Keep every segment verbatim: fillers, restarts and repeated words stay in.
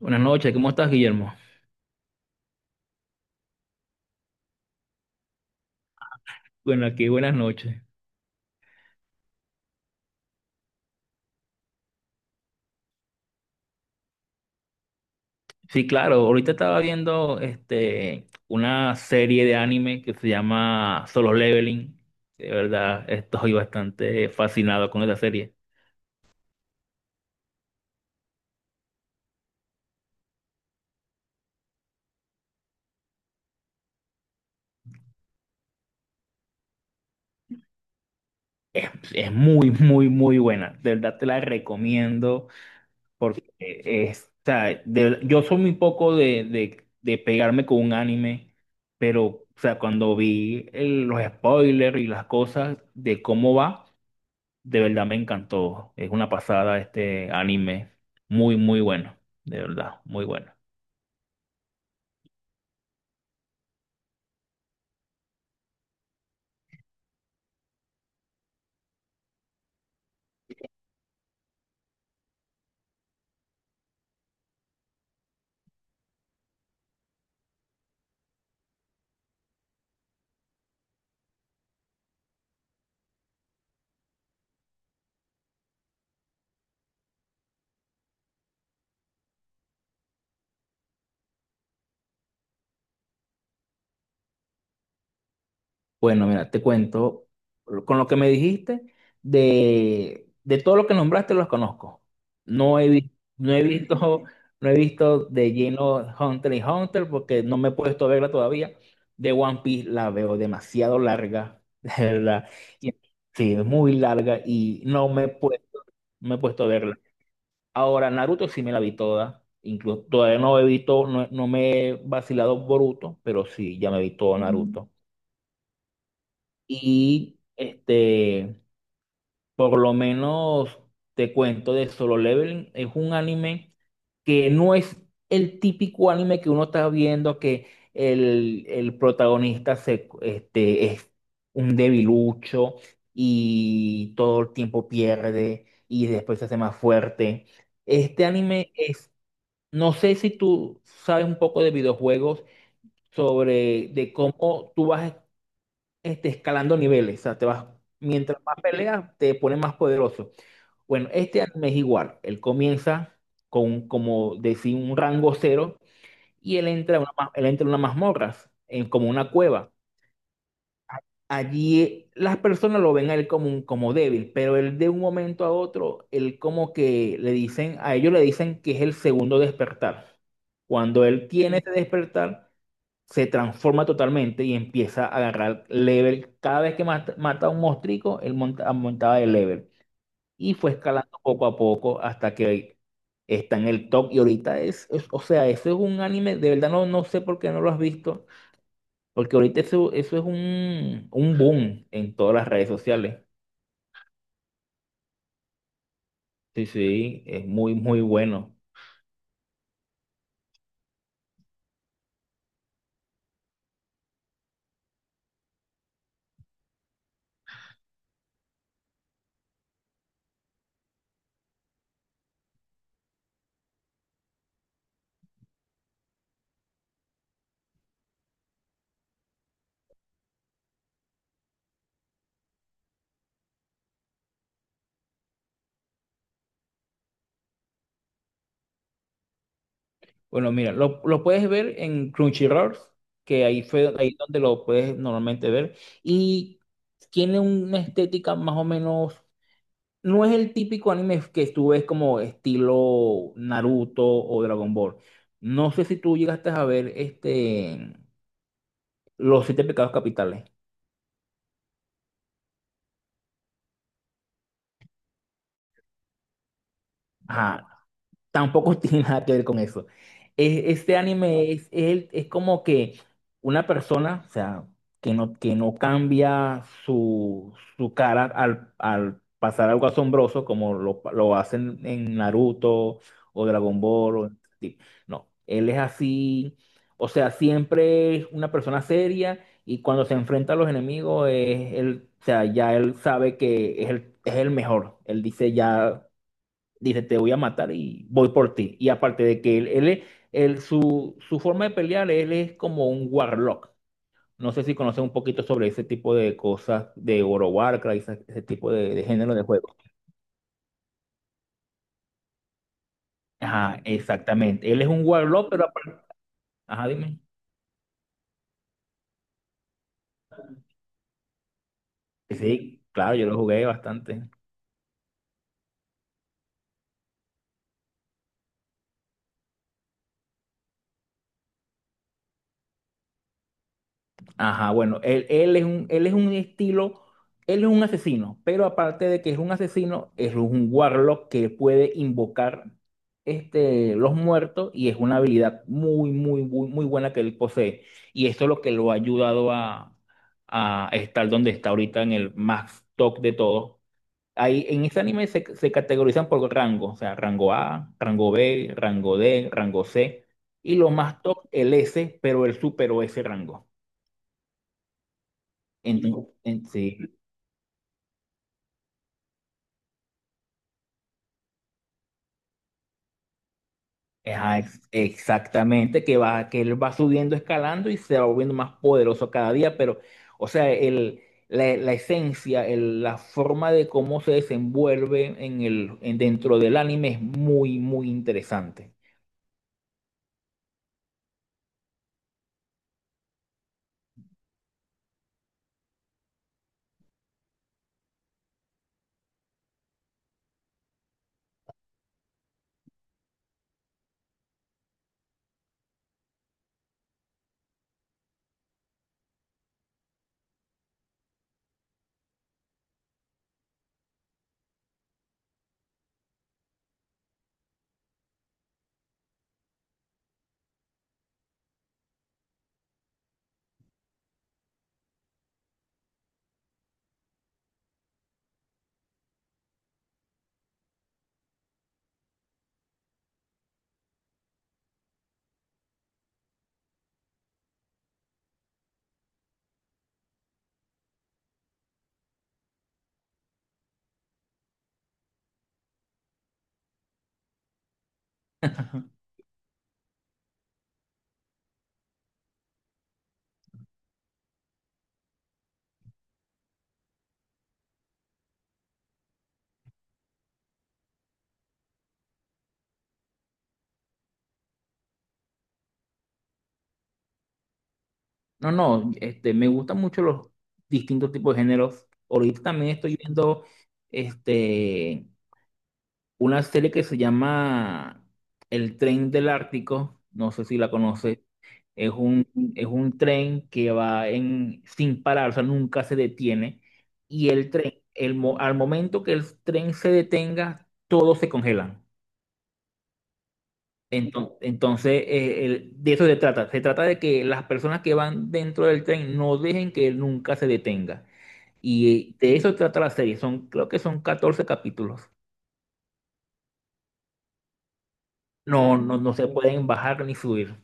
Buenas noches, ¿cómo estás, Guillermo? Bueno, aquí buenas noches. Sí, claro, ahorita estaba viendo este, una serie de anime que se llama Solo Leveling. De verdad, estoy bastante fascinado con esa serie. Es muy, muy, muy buena. De verdad te la recomiendo porque es, o sea, de- yo soy muy poco de, de, de pegarme con un anime, pero o sea, cuando vi el- los spoilers y las cosas de cómo va. De verdad me encantó. Es una pasada este anime. Muy, muy bueno. De verdad, muy bueno. Bueno, mira, te cuento, con lo que me dijiste, de, de todo lo que nombraste los conozco. No he, vi- no he visto, no he visto de lleno Hunter y Hunter porque no me he puesto a verla todavía. De One Piece la veo demasiado larga, de verdad. Y- Sí, es muy larga y no me he puesto, no me he puesto a verla. Ahora, Naruto sí me la vi toda. Incluso todavía no he visto, no, no me he vacilado Boruto, pero sí, ya me vi todo. Mm. Naruto. Y este, por lo menos te cuento de Solo Leveling. Es un anime que no es el típico anime que uno está viendo que el, el protagonista se, este, es un debilucho y todo el tiempo pierde y después se hace más fuerte. Este anime es... No sé si tú sabes un poco de videojuegos sobre de cómo tú vas este, escalando niveles. O sea, te vas, mientras más peleas, te pones más poderoso. Bueno, este anime es igual. Él comienza con, como decir, un rango cero y él entra a una, ma- él entra a unas mazmorras, en, como una cueva. Allí las personas lo ven a él como, un- como débil, pero él de un momento a otro, él como que le dicen, a ellos le dicen que es el segundo despertar. Cuando él tiene... Mm. Ese despertar, se transforma totalmente y empieza a agarrar level. Cada vez que mata, mata a un monstruo, él monta- aumentaba de level. Y fue escalando poco a poco hasta que está en el top. Y ahorita es, es- o sea, eso es un anime, de verdad no, no sé por qué no lo has visto porque ahorita eso, eso es un, un boom en todas las redes sociales. Sí, sí, es muy, muy bueno. Bueno, mira, lo, lo puedes ver en Crunchyroll, que ahí fue ahí donde lo puedes normalmente ver. Y tiene una estética más o menos. No es el típico anime que tú ves como estilo Naruto o Dragon Ball. No sé si tú llegaste a ver este, Los Siete Pecados Capitales. Ajá, tampoco tiene nada que ver con eso. Es- este anime es, es, es como que una persona, o sea, que no, que no cambia su, su cara al, al pasar algo asombroso como lo, lo hacen en Naruto o Dragon Ball. O- sí. No, él es así, o sea, siempre es una persona seria y cuando se enfrenta a los enemigos, es, él, o sea, ya él sabe que es el, es el mejor. Él dice ya dice, te voy a matar y voy por ti. Y aparte de que él, él, es- él- su, su forma de pelear, él es como un warlock. No sé si conocen un poquito sobre ese tipo de cosas de Oro Warcraft, ese, ese tipo de, de género de juego. Ajá, exactamente. Él es un warlock, pero aparte... Ajá, dime. Sí, sí, claro, yo lo jugué bastante. Ajá, bueno, él, él es un, él es un estilo, él es un asesino, pero aparte de que es un asesino, es un warlock que puede invocar este, los muertos y es una habilidad muy, muy, muy, muy buena que él posee. Y esto es lo que lo ha ayudado a, a estar donde está ahorita en el más top de todos. Ahí en este anime se, se categorizan por rango, o sea, rango A, rango B, rango D, rango C, y lo más top, el S, pero él superó ese rango. Entonces en- sí, ajá, ex- exactamente, que va, que él va subiendo, escalando y se va volviendo más poderoso cada día, pero, o sea, el, la, la esencia, el- la forma de cómo se desenvuelve en el, en- dentro del anime es muy, muy interesante. No, no, este, me gustan mucho los distintos tipos de géneros. Ahorita también estoy viendo este, una serie que se llama El Tren del Ártico, no sé si la conoces. Es un, es un tren que va en, sin parar, o sea, nunca se detiene. Y el tren, el, mo- al momento que el tren se detenga, todos se congelan. Entonces, entonces eh, el- de eso se trata. Se trata de que las personas que van dentro del tren no dejen que él nunca se detenga. Y eh, de eso trata la serie. Son, creo que son catorce capítulos. No, no, no se pueden bajar ni subir.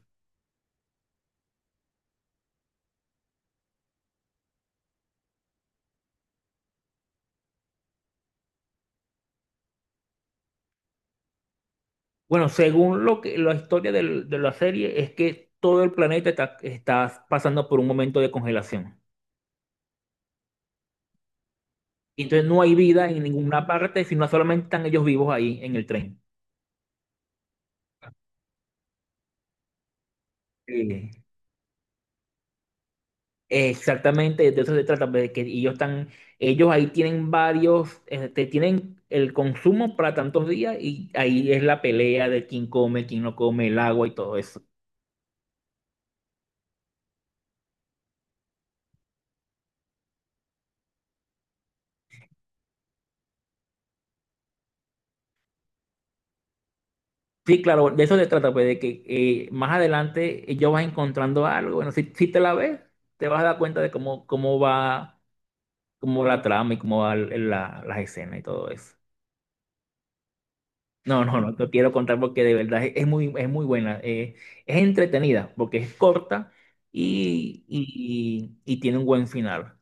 Bueno, según lo que la historia del- de la serie es que todo el planeta está, está pasando por un momento de congelación. Y entonces no hay vida en ninguna parte, sino solamente están ellos vivos ahí en el tren. Eh, exactamente, de eso se trata, pues, de que ellos están, ellos ahí tienen varios, este, tienen el consumo para tantos días y ahí es la pelea de quién come, quién no come, el agua y todo eso. Sí, claro, de eso se trata, pues, de que eh, más adelante eh, ya vas encontrando algo. Bueno, si, si te la ves, te vas a dar cuenta de cómo, cómo va, cómo va la trama y cómo van la- las escenas y todo eso. No, no, no te quiero contar porque de verdad es, es muy, es muy buena. Eh, es entretenida porque es corta y, y, y tiene un buen final.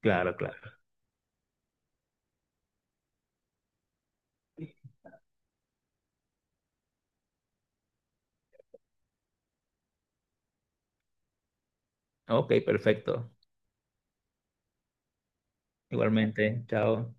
Claro, claro. Ok, perfecto. Igualmente, chao.